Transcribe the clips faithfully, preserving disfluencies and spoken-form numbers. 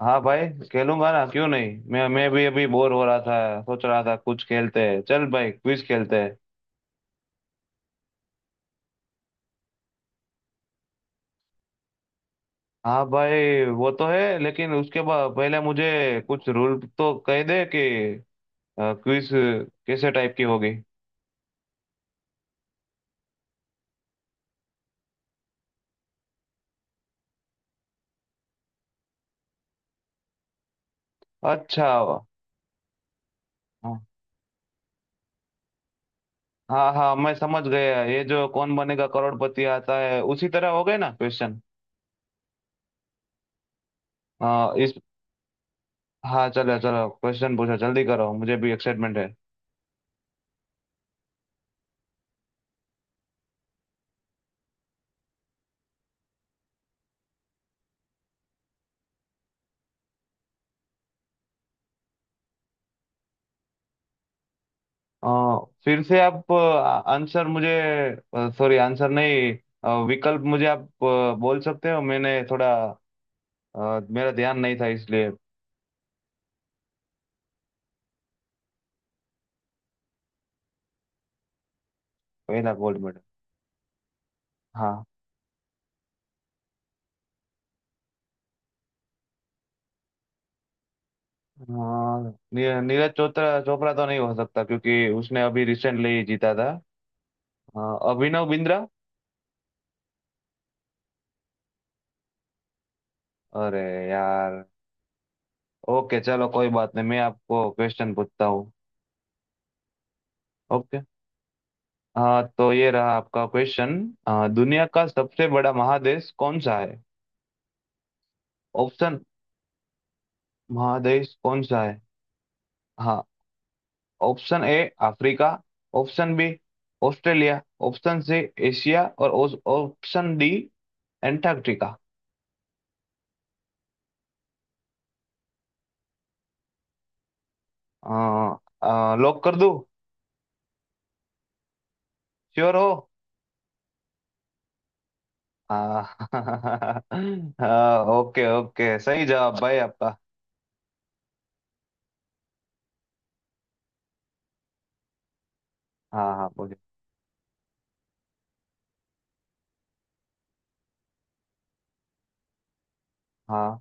हाँ भाई। खेलूंगा ना, क्यों नहीं। मैं मैं भी अभी बोर हो रहा था, सोच रहा था कुछ खेलते हैं। चल भाई, क्विज खेलते हैं। हाँ भाई, वो तो है, लेकिन उसके बाद पहले मुझे कुछ रूल तो कह दे कि क्विज कैसे टाइप की होगी। अच्छा हाँ। हाँ हाँ, मैं समझ गया। ये जो कौन बनेगा करोड़पति आता है, उसी तरह हो गए ना क्वेश्चन। हाँ इस। हाँ चलो चलो, क्वेश्चन पूछो, जल्दी करो, मुझे भी एक्साइटमेंट है। आ, फिर से आप आंसर मुझे, सॉरी आंसर नहीं, अ, विकल्प मुझे आप अ, बोल सकते हो। मैंने थोड़ा, अ, मेरा ध्यान नहीं था इसलिए। पहला गोल्ड मेडल। हाँ, अ, नी- नीरज चोपड़ा। चोपड़ा तो नहीं हो सकता क्योंकि उसने अभी रिसेंटली जीता था। अ, अभिनव बिंद्रा। अरे यार। ओके चलो, कोई बात नहीं, मैं आपको क्वेश्चन पूछता हूँ। ओके। हाँ, तो ये रहा आपका क्वेश्चन। दुनिया का सबसे बड़ा महादेश कौन सा है? ऑप्शन, महादेश कौन सा है? हाँ। Option A Africa, option B Australia, option C Asia, और ऑस- ऑप्शन डी एंटार्क्टिका। अ, अ, लॉक कर दूं? श्योर हो? हाँ। ओके ओके, सही जवाब भाई आपका। हाँ हाँ बोलिए। हाँ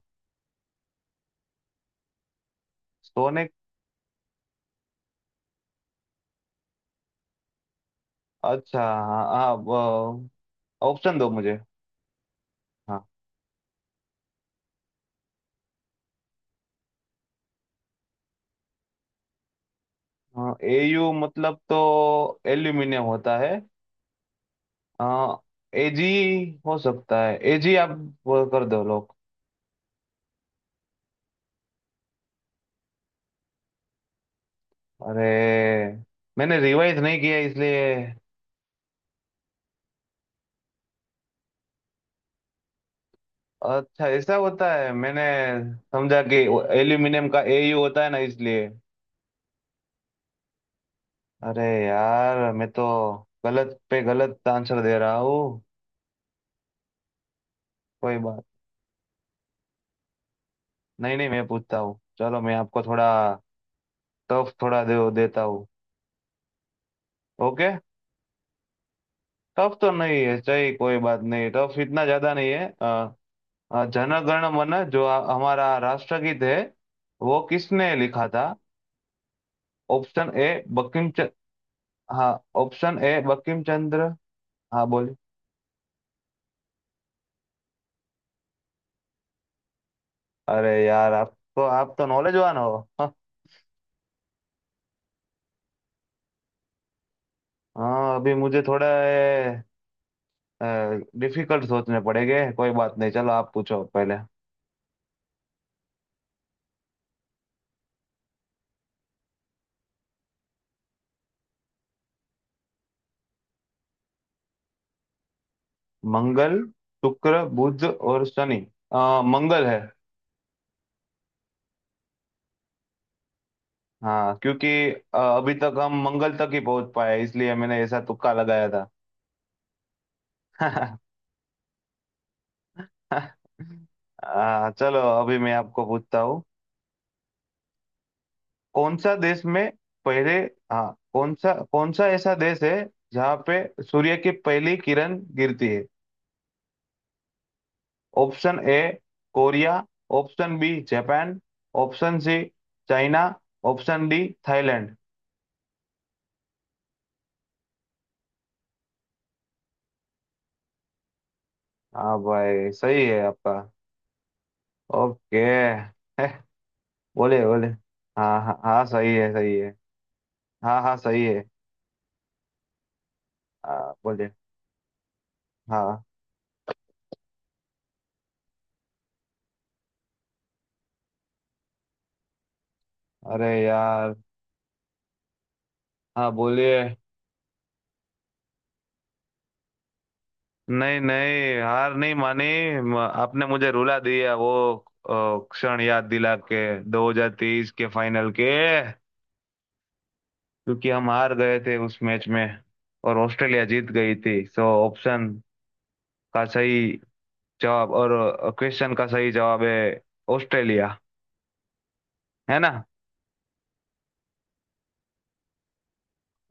सोने। अच्छा हाँ हाँ, वो- ऑप्शन दो मुझे। हाँ एयू मतलब तो एल्यूमिनियम होता है। आ, एजी। हो सकता है एजी, आप वो कर दो लोग। अरे, मैंने रिवाइज नहीं किया इसलिए। अच्छा ऐसा होता है। मैंने समझा कि एल्यूमिनियम का एयू होता है ना, इसलिए। अरे यार, मैं तो गलत पे गलत आंसर दे रहा हूँ। कोई बात नहीं नहीं, मैं पूछता हूँ, चलो मैं आपको थोड़ा टफ थोड़ा दे देता हूँ। ओके। टफ तो नहीं है चाहिए, कोई बात नहीं, टफ इतना ज्यादा नहीं है। अ, जन गण मन, जो आ- हमारा राष्ट्रगीत है, वो किसने लिखा था? ऑप्शन ए बंकिम च- हाँ, ऑप्शन ए बंकिम चंद्र। हाँ बोलिए। अरे यार, आप तो आप तो नॉलेजवान हो, हाँ। हाँ, अभी मुझे थोड़ा डिफिकल्ट सोचने पड़ेंगे, कोई बात नहीं। चलो आप पूछो पहले। मंगल, शुक्र, बुध और शनि। अ, मंगल है। हाँ, क्योंकि अ, अभी तक हम मंगल तक ही पहुंच पाए, इसलिए मैंने ऐसा तुक्का लगाया था। आ, चलो अभी मैं आपको पूछता हूँ। कौन सा देश में पहले? हाँ, कौन सा कौन सा ऐसा देश है जहाँ पे सूर्य की पहली किरण गिरती है? Option A Korea, option B Japan, option C China, option D Thailand. हाँ भाई, सही है आपका। ओके। बोले बोले। हाँ हाँ हाँ, सही है, सही है। हाँ हाँ, सही है। हाँ बोले। हाँ। अरे यार। हाँ बोलिए। नहीं नहीं, हार नहीं मानी। म- आपने मुझे रुला दिया, वो अ, क्षण याद दिला के दो हज़ार तेईस के फाइनल के, क्योंकि हम हार गए थे उस मैच में, और ऑस्ट्रेलिया जीत गई थी। सो ऑप्शन का सही जवाब, और क्वेश्चन का सही जवाब है ऑस्ट्रेलिया, है ना?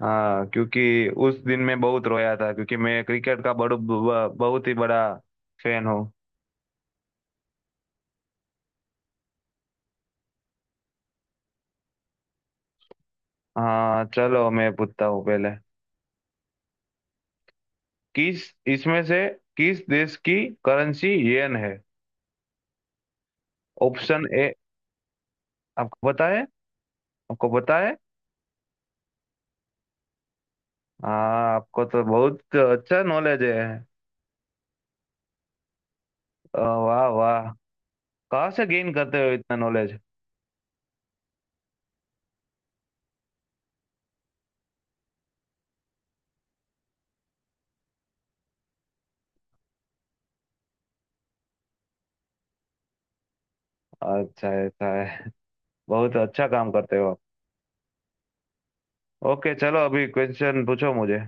हाँ, क्योंकि उस दिन मैं बहुत रोया था, क्योंकि मैं क्रिकेट का बड़ू ब- बहुत ही बड़ा फैन हूँ। हाँ चलो, मैं पूछता हूँ पहले। किस, इसमें से किस देश की करेंसी येन है? Option A. आपको पता है? आपको पता है? हाँ, आपको तो बहुत अच्छा नॉलेज है। अ, वाह वाह। कहाँ से गेन करते हो इतना नॉलेज? अच्छा ऐसा है। बहुत अच्छा काम करते हो आप। ओके चलो, अभी क्वेश्चन पूछो मुझे।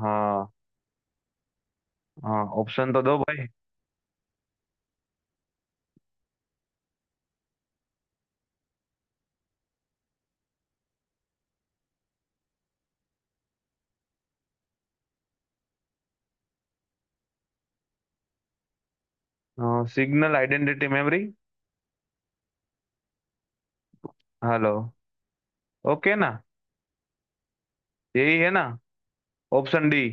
हाँ हाँ, ऑप्शन तो दो भाई। Signal identity memory, hello. Okay ना? यही है ना? Option D.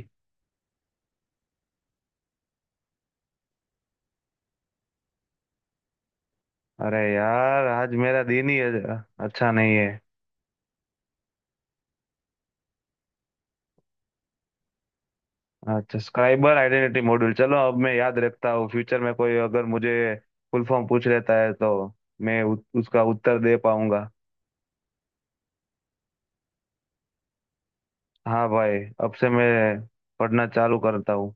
अरे यार, आज मेरा दिन ही अच्छा नहीं है। अच्छा, साइबर आइडेंटिटी मॉड्यूल। चलो अब मैं याद रखता हूँ, फ्यूचर में कोई अगर मुझे फुल फॉर्म पूछ लेता है तो मैं उ, उसका उत्तर दे पाऊंगा। हाँ भाई, अब से मैं पढ़ना चालू करता हूँ।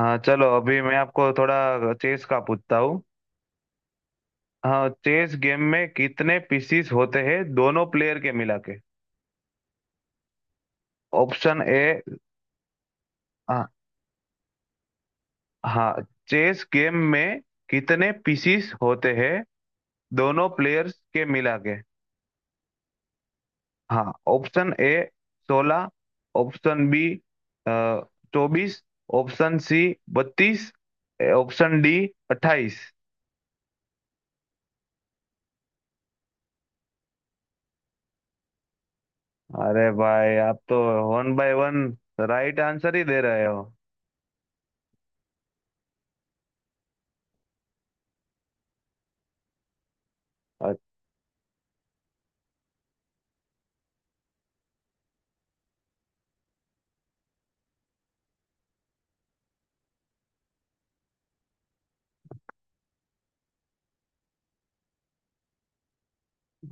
हाँ चलो, अभी मैं आपको थोड़ा चेस का पूछता हूँ। हाँ, चेस गेम में कितने पीसीस होते हैं, दोनों प्लेयर के मिला के? Option A. हाँ हाँ, चेस गेम में कितने पीसीस होते हैं, दोनों प्लेयर्स के मिला के? हाँ। ऑप्शन ए सोलह, ऑप्शन बी चौबीस, ऑप्शन सी बत्तीस, ऑप्शन डी अट्ठाईस। अरे भाई, आप तो one by one right answer ही दे रहे हो।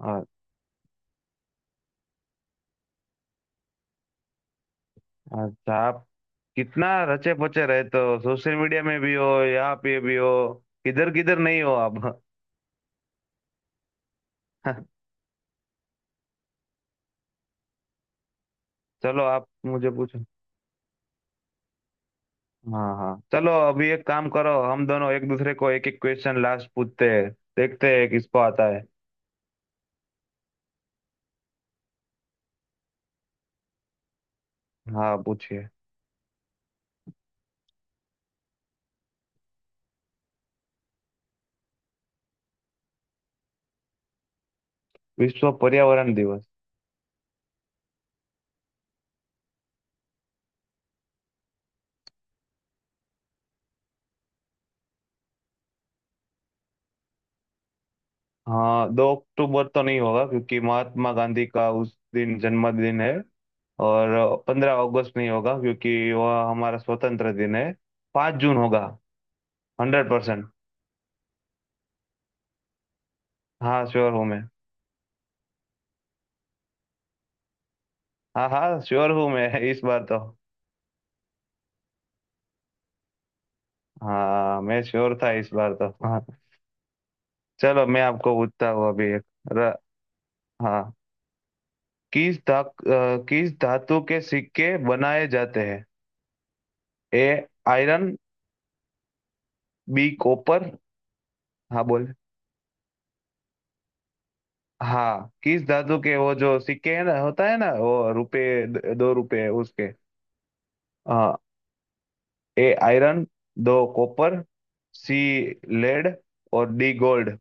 अच्छा। अच्छा, आप कितना रचे पचे रहते हो? सोशल मीडिया में भी हो, यहाँ पे भी हो, किधर किधर नहीं हो आप। चलो आप मुझे पूछो। हाँ हाँ, चलो अभी एक काम करो, हम दोनों एक दूसरे को एक एक क्वेश्चन लास्ट पूछते हैं, देखते हैं किसको आता है। हाँ पूछिए। विश्व पर्यावरण दिवस। हाँ, दो अक्टूबर तो नहीं होगा क्योंकि महात्मा गांधी का उस दिन जन्मदिन है। और पंद्रह अगस्त नहीं होगा क्योंकि वह हमारा स्वतंत्र दिन है। पाँच जून होगा, हंड्रेड परसेंट। हाँ, श्योर हूँ मैं। हाँ हाँ, श्योर हूँ मैं। इस बार तो हाँ, मैं श्योर था इस बार तो। हाँ चलो, मैं आपको पूछता हूँ अभी एक। र, हाँ, किस धा अ, किस धातु के सिक्के बनाए जाते हैं? A iron, B copper. हाँ बोल। हाँ, किस दादू के वो जो सिक्के है ना, होता है ना वो, रुपए द- दो रुपए उसके। हाँ, ए आयरन, दो कॉपर, सी लेड, और डी गोल्ड।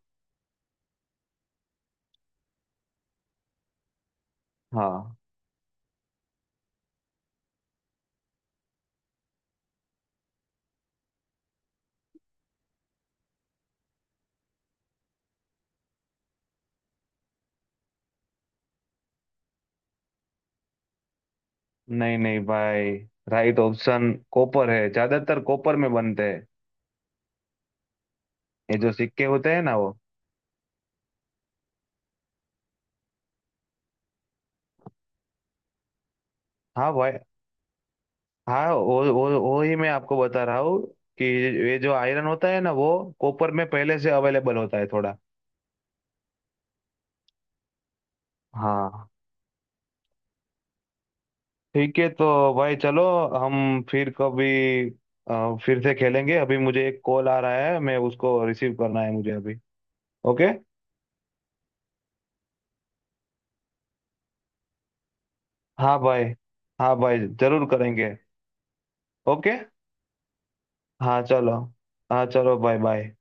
हाँ। नहीं नहीं भाई, राइट ऑप्शन कॉपर है, ज्यादातर कॉपर में बनते हैं ये जो सिक्के होते हैं ना वो। हाँ भाई, हाँ, वो वो वो ही मैं आपको बता रहा हूँ कि ये जो आयरन होता है ना वो कॉपर में पहले से अवेलेबल होता है थोड़ा। हाँ ठीक है, तो भाई चलो, हम फिर कभी अ, फिर से खेलेंगे। अभी मुझे एक कॉल आ रहा है, मैं उसको रिसीव करना है मुझे अभी। ओके। हाँ भाई। हाँ भाई जरूर करेंगे। ओके। हाँ चलो। हाँ चलो, बाय बाय।